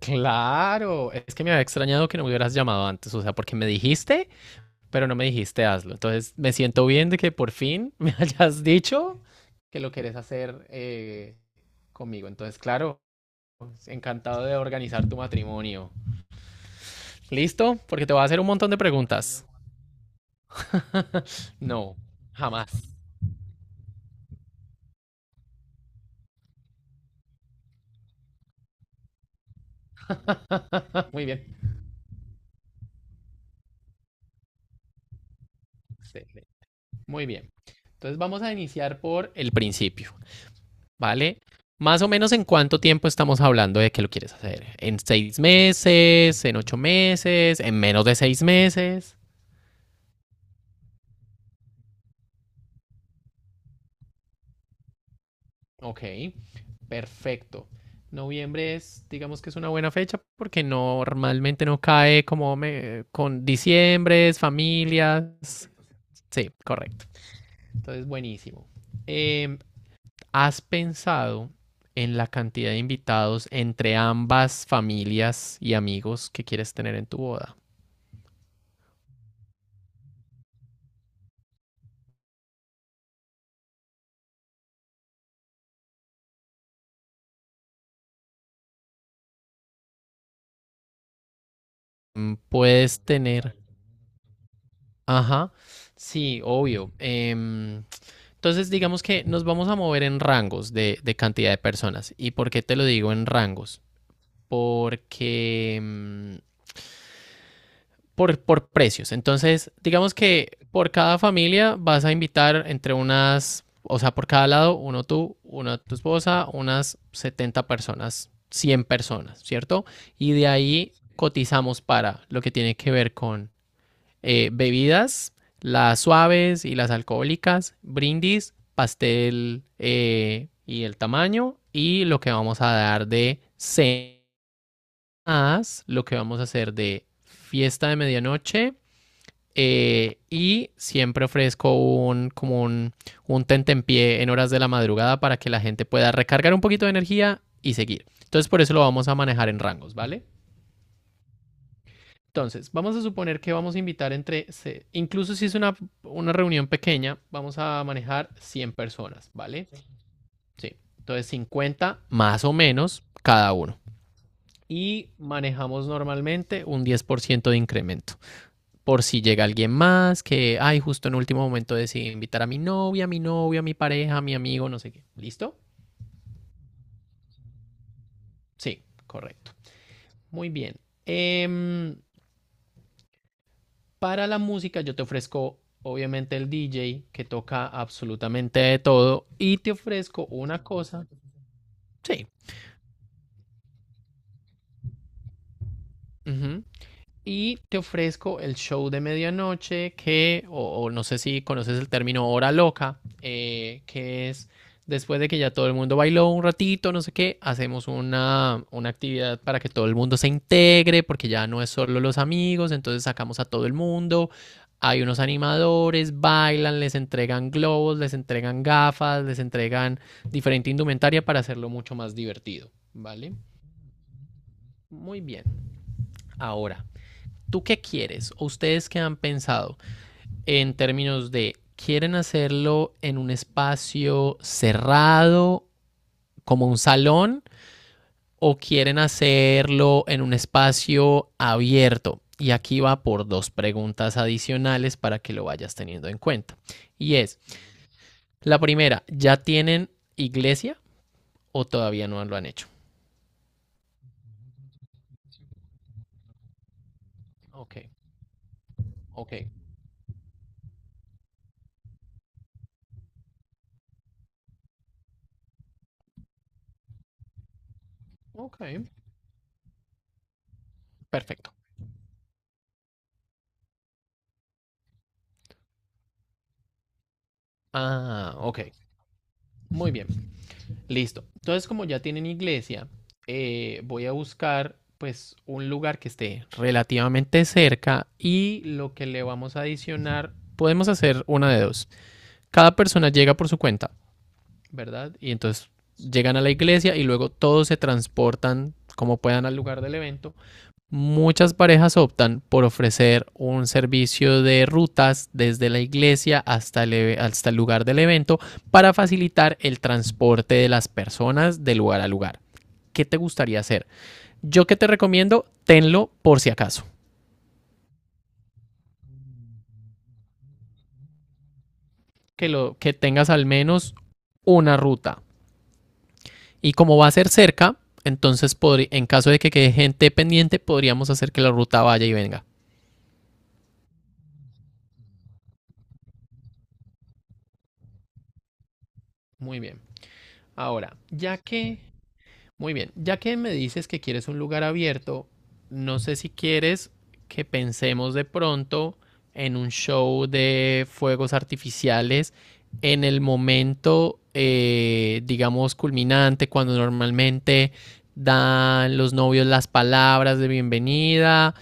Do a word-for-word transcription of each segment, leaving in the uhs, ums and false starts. Claro, es que me había extrañado que no me hubieras llamado antes, o sea, porque me dijiste, pero no me dijiste hazlo. Entonces me siento bien de que por fin me hayas dicho que lo querés hacer eh, conmigo. Entonces, claro, encantado de organizar tu matrimonio. ¿Listo? Porque te voy a hacer un montón de preguntas. No, jamás. Muy bien. Excelente. Muy bien. Entonces vamos a iniciar por el principio. ¿Vale? Más o menos en cuánto tiempo estamos hablando de que lo quieres hacer. ¿En seis meses? ¿En ocho meses? ¿En menos de seis meses? Ok, perfecto. Noviembre es, digamos que es una buena fecha porque normalmente no cae como me- con diciembres, familias. Sí, correcto. Entonces, buenísimo. Em, ¿Has pensado en la cantidad de invitados entre ambas familias y amigos que quieres tener en tu boda? Mm, Puedes tener, ajá, sí, obvio. Em, entonces, digamos que nos vamos a mover en rangos de, de cantidad de personas. ¿Y por qué te lo digo en rangos? Porque mm, por, por precios. Entonces, digamos que por cada familia vas a invitar entre unas, o sea, por cada lado, uno tú, una tu esposa, unas setenta personas, cien personas, ¿cierto? Y de ahí cotizamos para lo que tiene que ver eh, bebidas, las suaves y las alcohólicas, brindis, pastel eh, y el tamaño y lo que vamos a dar de cenas, lo que vamos a hacer de fiesta de medianoche eh, y siempre ofrezco un como un, un tentempié en horas de la madrugada para que la gente pueda recargar un poquito de energía y seguir. Entonces por eso lo vamos a manejar en rangos, ¿vale? Entonces, vamos a suponer que vamos a invitar entre, se- incluso si es una, una reunión pequeña, vamos a manejar cien personas, ¿vale? Sí. Entonces, cincuenta más o menos cada uno. Y manejamos normalmente un diez por ciento de incremento. Por si llega alguien más que, ay, justo en último momento decidí invitar a mi novia, a mi novio, a mi pareja, a mi amigo, no sé qué. ¿Listo? Sí, correcto. Muy bien. Em, Para la música yo te ofrezco obviamente el D J que toca absolutamente de todo y te ofrezco una cosa. Sí. Ujú. Y te ofrezco el show de medianoche que, o, o no sé si conoces el término hora loca, eh, que es después de que ya todo el mundo bailó un ratito, no sé qué, hacemos una, una actividad para que todo el mundo se integre, porque ya no es solo los amigos, entonces sacamos a todo el mundo. Hay unos animadores, bailan, les entregan globos, les entregan gafas, les entregan diferente indumentaria para hacerlo mucho más divertido, ¿vale? Muy bien. Ahora, ¿tú qué quieres o ustedes qué han pensado en términos de quieren hacerlo en un espacio cerrado como un salón o quieren hacerlo en un espacio abierto? Y aquí va por dos preguntas adicionales para que lo vayas teniendo en cuenta. Y es, la primera, ¿ya tienen iglesia o todavía no lo han hecho? Ok, ok, ok, perfecto. Ah, ok, muy bien. Listo. Entonces, como ya tienen iglesia, eh, voy a buscar pues un lugar que esté relativamente cerca y lo que le vamos a adicionar, podemos hacer una de dos. Cada persona llega por su cuenta, ¿verdad? Y entonces llegan a la iglesia y luego todos se transportan como puedan al lugar del evento. Muchas parejas optan por ofrecer un servicio de rutas desde la iglesia hasta el, hasta el lugar del evento para facilitar el transporte de las personas de lugar a lugar. ¿Qué te gustaría hacer? Yo que te recomiendo, tenlo por si acaso, que, lo, que tengas al menos una ruta. Y como va a ser cerca, entonces podri, en caso de que quede gente pendiente, podríamos hacer que la ruta vaya y venga. Muy bien. Ahora, ya que Muy bien, ya que me dices que quieres un lugar abierto, no sé si quieres que pensemos de pronto en un show de fuegos artificiales en el momento, eh, digamos, culminante, cuando normalmente dan los novios las palabras de bienvenida,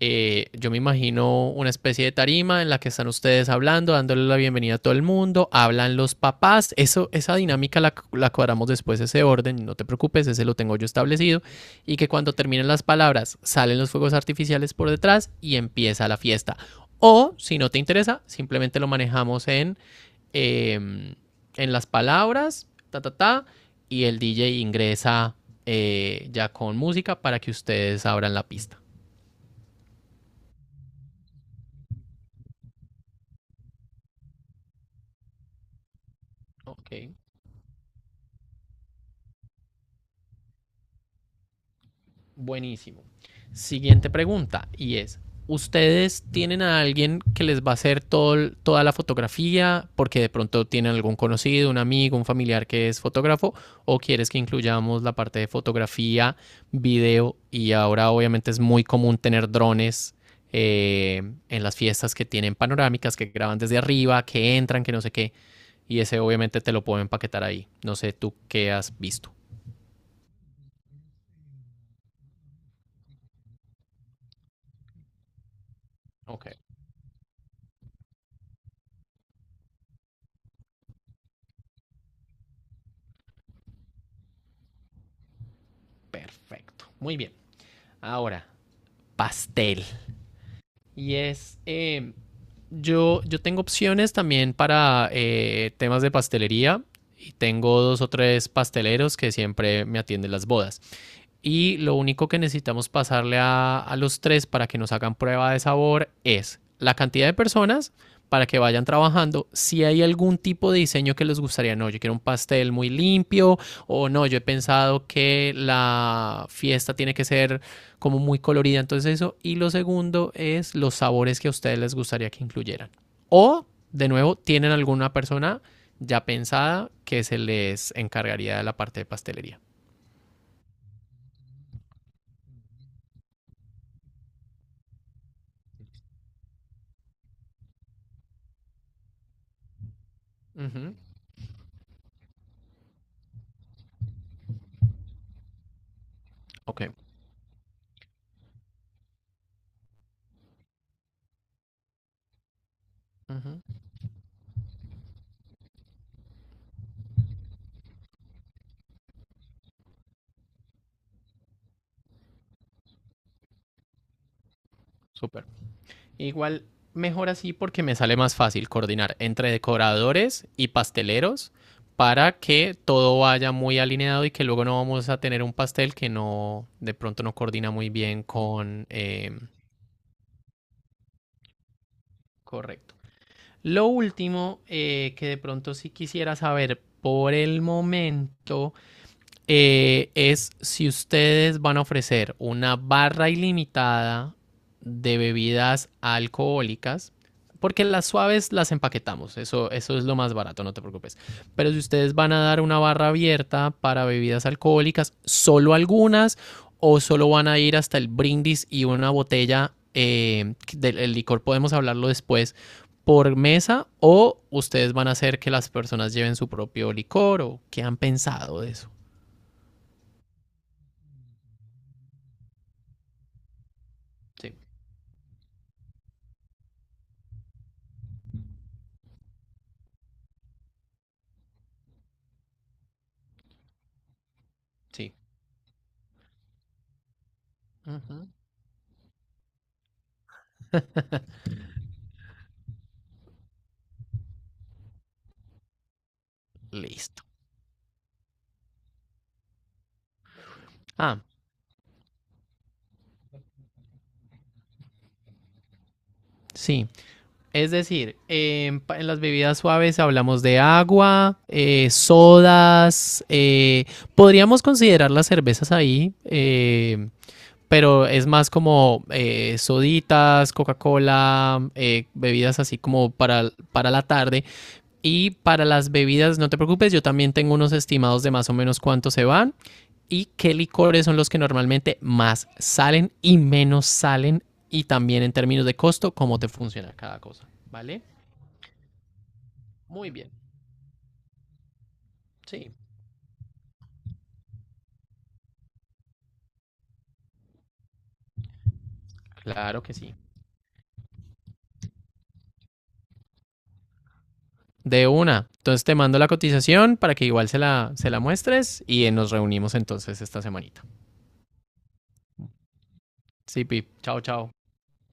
eh, yo me imagino una especie de tarima en la que están ustedes hablando, dándole la bienvenida a todo el mundo, hablan los papás, eso, esa dinámica la, la cuadramos después, ese orden, no te preocupes, ese lo tengo yo establecido, y que cuando terminen las palabras salen los fuegos artificiales por detrás y empieza la fiesta. O si no te interesa, simplemente lo manejamos en, eh, en las palabras, ta, ta, ta, y el D J ingresa eh, ya con música para que ustedes abran la pista. Ok. Buenísimo. Siguiente pregunta y es, ¿ustedes tienen a alguien que les va a hacer todo, toda la fotografía porque de pronto tienen algún conocido, un amigo, un familiar que es fotógrafo o quieres que incluyamos la parte de fotografía, video y ahora obviamente es muy común tener drones eh, en las fiestas que tienen panorámicas, que graban desde arriba, que entran, que no sé qué y ese obviamente te lo puedo empaquetar ahí. No sé tú qué has visto. Ok, perfecto. Muy bien. Ahora, pastel. Y es, eh, yo, yo tengo opciones también para eh, temas de pastelería y tengo dos o tres pasteleros que siempre me atienden las bodas. Y lo único que necesitamos pasarle a, a los tres para que nos hagan prueba de sabor es la cantidad de personas para que vayan trabajando si hay algún tipo de diseño que les gustaría. No, yo quiero un pastel muy limpio o no, yo he pensado que la fiesta tiene que ser como muy colorida, entonces eso. Y lo segundo es los sabores que a ustedes les gustaría que incluyeran. O, de nuevo, tienen alguna persona ya pensada que se les encargaría de la parte de pastelería. Ujú, ok. Uh -huh. Súper. Igual mejor así porque me sale más fácil coordinar entre decoradores y pasteleros para que todo vaya muy alineado y que luego no vamos a tener un pastel que no de pronto no coordina muy bien con eh, correcto. Lo último eh, que de pronto sí quisiera saber por el momento eh, es si ustedes van a ofrecer una barra ilimitada de bebidas alcohólicas, porque las suaves las empaquetamos, eso, eso es lo más barato, no te preocupes. Pero si ustedes van a dar una barra abierta para bebidas alcohólicas, solo algunas, o solo van a ir hasta el brindis y una botella eh, del licor, podemos hablarlo después, por mesa, o ustedes van a hacer que las personas lleven su propio licor, o qué han pensado de eso. Sí, sí. Ujú, listo. Ah, sí. Es decir, en, pa- en las bebidas suaves hablamos de agua, eh, sodas. Eh, podríamos considerar las cervezas ahí, eh, pero es más como eh, soditas, Coca-Cola, eh, bebidas así como para, para la tarde. Y para las bebidas, no te preocupes, yo también tengo unos estimados de más o menos cuánto se van. Y qué licores son los que normalmente más salen y menos salen y también en términos de costo, cómo te funciona cada cosa, ¿vale? Muy bien, sí, claro que sí. De una. Entonces te mando la cotización para que igual se la, se la muestres y nos reunimos entonces esta semanita. Sí, Pip. Chao, chao.